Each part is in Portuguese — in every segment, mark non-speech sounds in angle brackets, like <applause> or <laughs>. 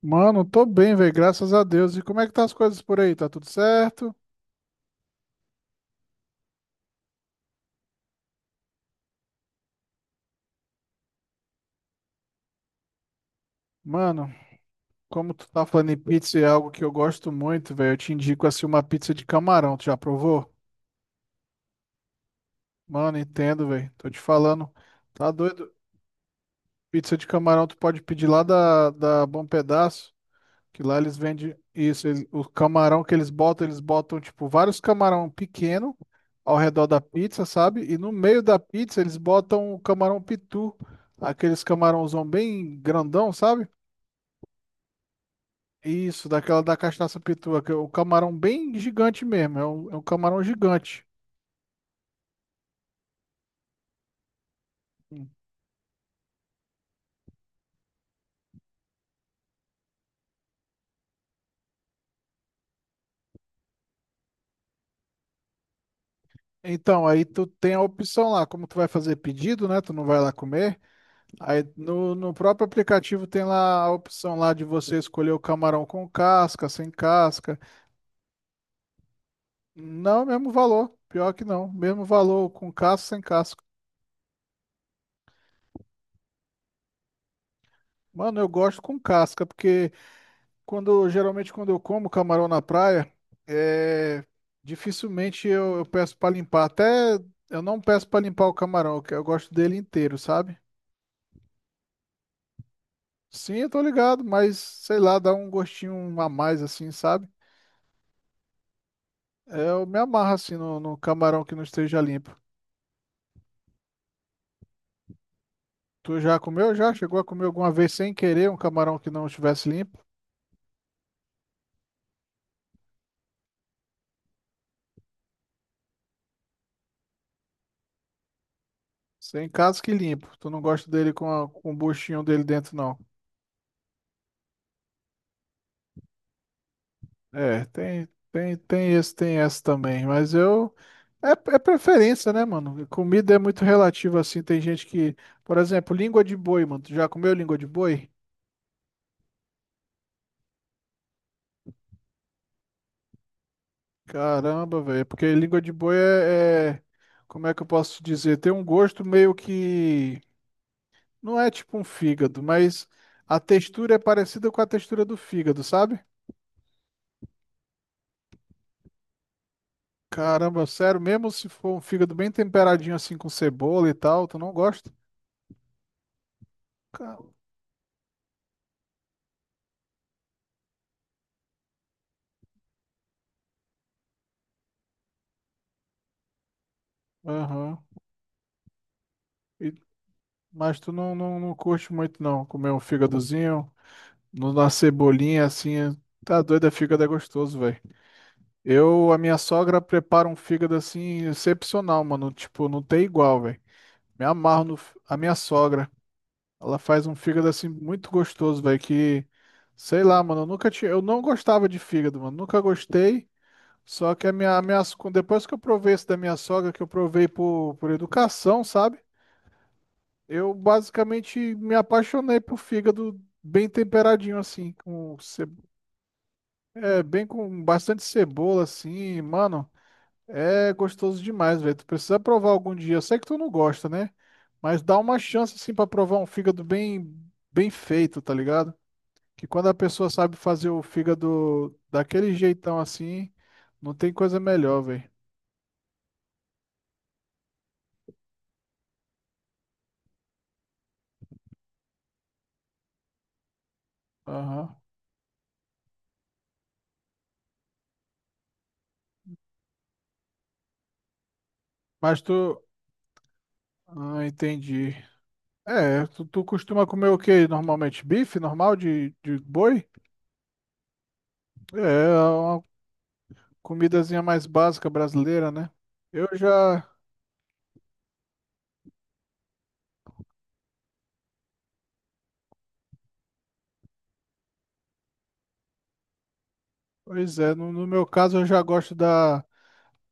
Mano, tô bem, velho, graças a Deus. E como é que tá as coisas por aí? Tá tudo certo? Mano, como tu tá falando em pizza, é algo que eu gosto muito, velho. Eu te indico assim uma pizza de camarão. Tu já provou? Mano, entendo, velho. Tô te falando. Tá doido? Pizza de camarão tu pode pedir lá da Bom Pedaço. Que lá eles vendem isso, o camarão que eles botam tipo vários camarão pequeno ao redor da pizza, sabe? E no meio da pizza eles botam o camarão pitu, aqueles camarãozão bem grandão, sabe? Isso, daquela da cachaça pitu, o camarão bem gigante mesmo, é um camarão gigante. Hum. Então, aí tu tem a opção lá, como tu vai fazer pedido, né? Tu não vai lá comer. Aí no próprio aplicativo tem lá a opção lá de você escolher o camarão com casca, sem casca. Não, mesmo valor. Pior que não. Mesmo valor com casca, sem casca. Mano, eu gosto com casca, porque quando geralmente quando eu como camarão na praia, é, dificilmente eu peço pra limpar. Até eu não peço pra limpar o camarão, que eu gosto dele inteiro, sabe? Sim, eu tô ligado, mas sei lá, dá um gostinho a mais assim, sabe? É, eu me amarro assim no camarão que não esteja limpo. Tu já comeu? Já? Chegou a comer alguma vez sem querer um camarão que não estivesse limpo? Sem casca que limpo. Tu não gosta dele com o buchinho dele dentro, não. É, tem esse, tem esse também. Mas eu. É preferência, né, mano? Comida é muito relativa assim. Tem gente que. Por exemplo, língua de boi, mano. Tu já comeu língua de boi? Caramba, velho. Porque língua de boi é. Como é que eu posso dizer? Tem um gosto meio que. Não é tipo um fígado, mas a textura é parecida com a textura do fígado, sabe? Caramba, sério, mesmo se for um fígado bem temperadinho assim com cebola e tal, tu não gosta? Ca- Aham. E- Mas tu não curte muito não, comer um fígadozinho, na cebolinha assim, tá doido, é fígado é gostoso, velho. A minha sogra prepara um fígado assim, excepcional, mano, tipo, não tem igual, velho. Me amarro no, f- a minha sogra, ela faz um fígado assim muito gostoso, velho, que, sei lá, mano, eu nunca tinha, eu não gostava de fígado, mano, nunca gostei. Só que depois que eu provei esse da minha sogra, que eu provei por educação, sabe? Eu basicamente me apaixonei por fígado bem temperadinho, assim, com bastante cebola, assim, mano. É gostoso demais, velho. Tu precisa provar algum dia. Eu sei que tu não gosta, né? Mas dá uma chance, assim, pra provar um fígado bem feito, tá ligado? Que quando a pessoa sabe fazer o fígado daquele jeitão assim, não tem coisa melhor, velho. Aham. Mas tu. Ah, entendi. É, tu costuma comer o que normalmente? Bife normal de boi? É uma comidazinha mais básica brasileira, né? Eu já, pois é, no meu caso eu já gosto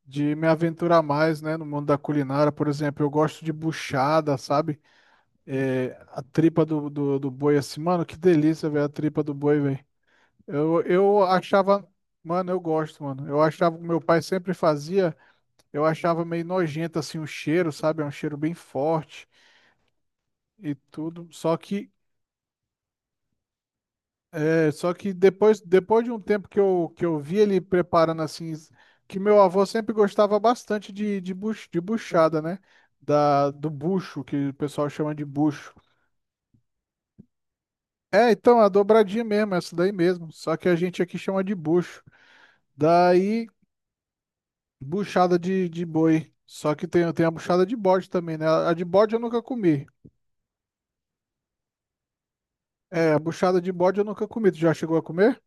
de me aventurar mais, né, no mundo da culinária, por exemplo, eu gosto de buchada, sabe? É, a tripa do boi assim, mano, que delícia, velho, a tripa do boi, velho. Eu achava, mano, eu gosto, mano. Eu achava que meu pai sempre fazia. Eu achava meio nojento assim o cheiro, sabe? É um cheiro bem forte e tudo. Só que depois de um tempo que eu vi ele preparando assim, que meu avô sempre gostava bastante de buchada, né? Do bucho, que o pessoal chama de bucho. É, então, a dobradinha mesmo, essa daí mesmo. Só que a gente aqui chama de bucho. Daí, buchada de boi. Só que tem a buchada de bode também, né? A de bode eu nunca comi. É, a buchada de bode eu nunca comi. Tu já chegou a comer?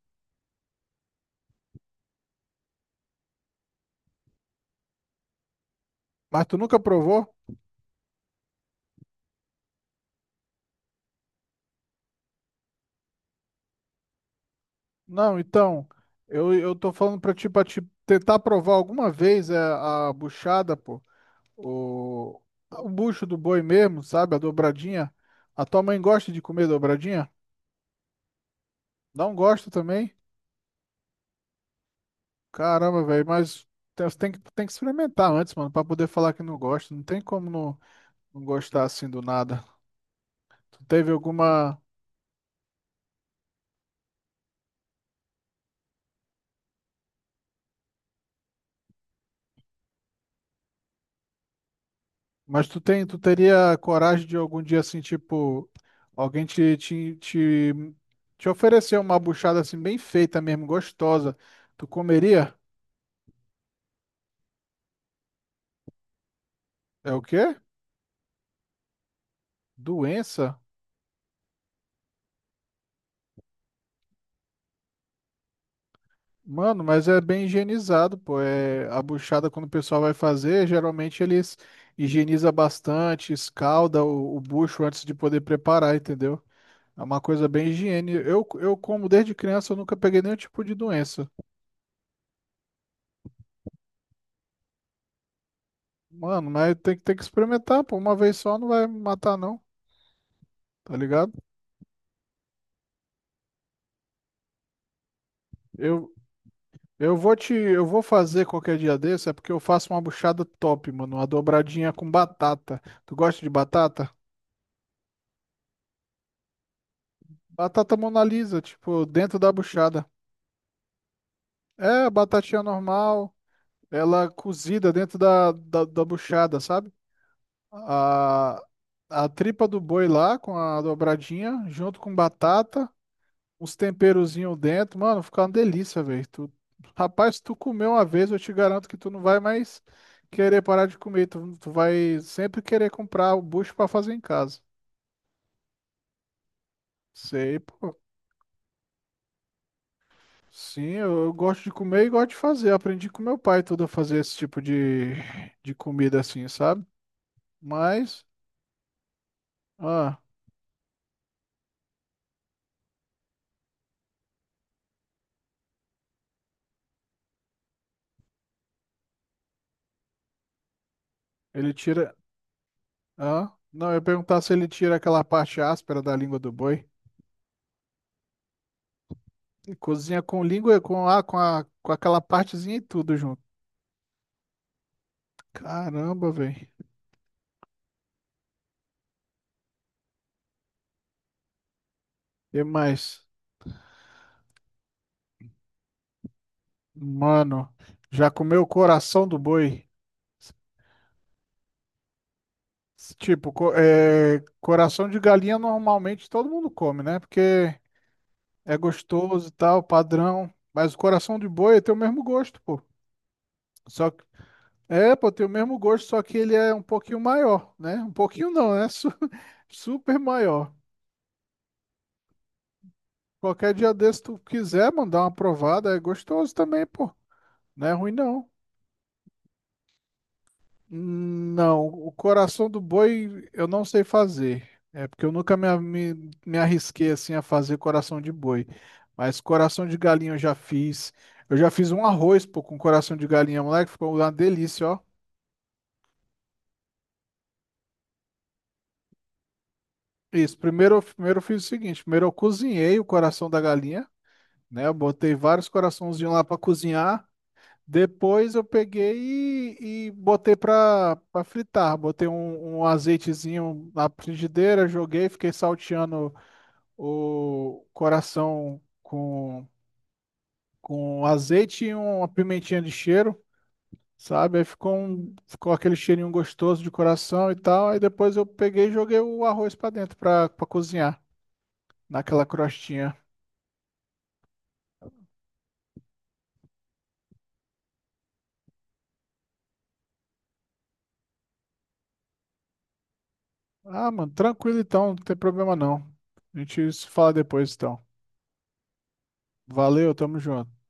Mas tu nunca provou? Não, então, eu tô falando pra ti, pra te tentar provar alguma vez a buchada, pô. O, o bucho do boi mesmo, sabe? A dobradinha. A tua mãe gosta de comer dobradinha? Não gosta também? Caramba, velho, mas você tem que experimentar antes, mano, pra poder falar que não gosta. Não tem como não gostar assim do nada. Tu teve alguma. Mas tu teria coragem de algum dia assim, tipo, alguém te oferecer uma buchada assim bem feita mesmo, gostosa. Tu comeria? É o quê? Doença? Mano, mas é bem higienizado, pô. É, a buchada, quando o pessoal vai fazer, geralmente eles higieniza bastante, escalda o bucho antes de poder preparar, entendeu? É uma coisa bem higiene. Eu como desde criança, eu nunca peguei nenhum tipo de doença. Mano, mas tem que experimentar, pô. Uma vez só não vai me matar, não, tá ligado? Eu, eu vou fazer qualquer dia desse, é porque eu faço uma buchada top, mano. Uma dobradinha com batata. Tu gosta de batata? Batata Mona Lisa, tipo, dentro da buchada. É, a batatinha normal, ela cozida dentro da buchada, sabe? A, a tripa do boi lá com a dobradinha, junto com batata. Uns temperozinhos dentro, mano, fica uma delícia, velho. Tu. Rapaz, se tu comer uma vez, eu te garanto que tu não vai mais querer parar de comer. Tu vai sempre querer comprar o bucho pra fazer em casa. Sei, pô. Sim, eu gosto de comer e gosto de fazer. Aprendi com meu pai tudo a fazer esse tipo de comida assim, sabe? Mas, ah, ele tira. Ah, não, eu ia perguntar se ele tira aquela parte áspera da língua do boi. E cozinha com língua, com aquela partezinha e tudo. Caramba, velho. E mais? Mano, já comeu o coração do boi? S- Tipo, coração de galinha normalmente todo mundo come, né? Porque é gostoso e tal, padrão. Mas o coração de boi tem o mesmo gosto, pô. Só que, pô, tem o mesmo gosto, só que ele é um pouquinho maior, né? Um pouquinho não, é <laughs> super maior. Qualquer dia desse tu quiser mandar uma provada, é gostoso também, pô. Não é ruim não. Não, o coração do boi eu não sei fazer. É porque eu nunca me arrisquei assim a fazer coração de boi. Mas coração de galinha eu já fiz. Eu já fiz um arroz, pô, com coração de galinha, moleque, ficou uma delícia, ó. Isso, primeiro, primeiro eu fiz o seguinte, primeiro eu cozinhei o coração da galinha, né? Eu botei vários coraçãozinhos lá para cozinhar. Depois eu peguei e botei para fritar. Botei um azeitezinho na frigideira, joguei, fiquei salteando o coração com azeite e uma pimentinha de cheiro, sabe? Aí ficou aquele cheirinho gostoso de coração e tal. Aí depois eu peguei e joguei o arroz pra dentro pra cozinhar, naquela crostinha. Ah, mano, tranquilo então, não tem problema não. A gente se fala depois então. Valeu, tamo junto.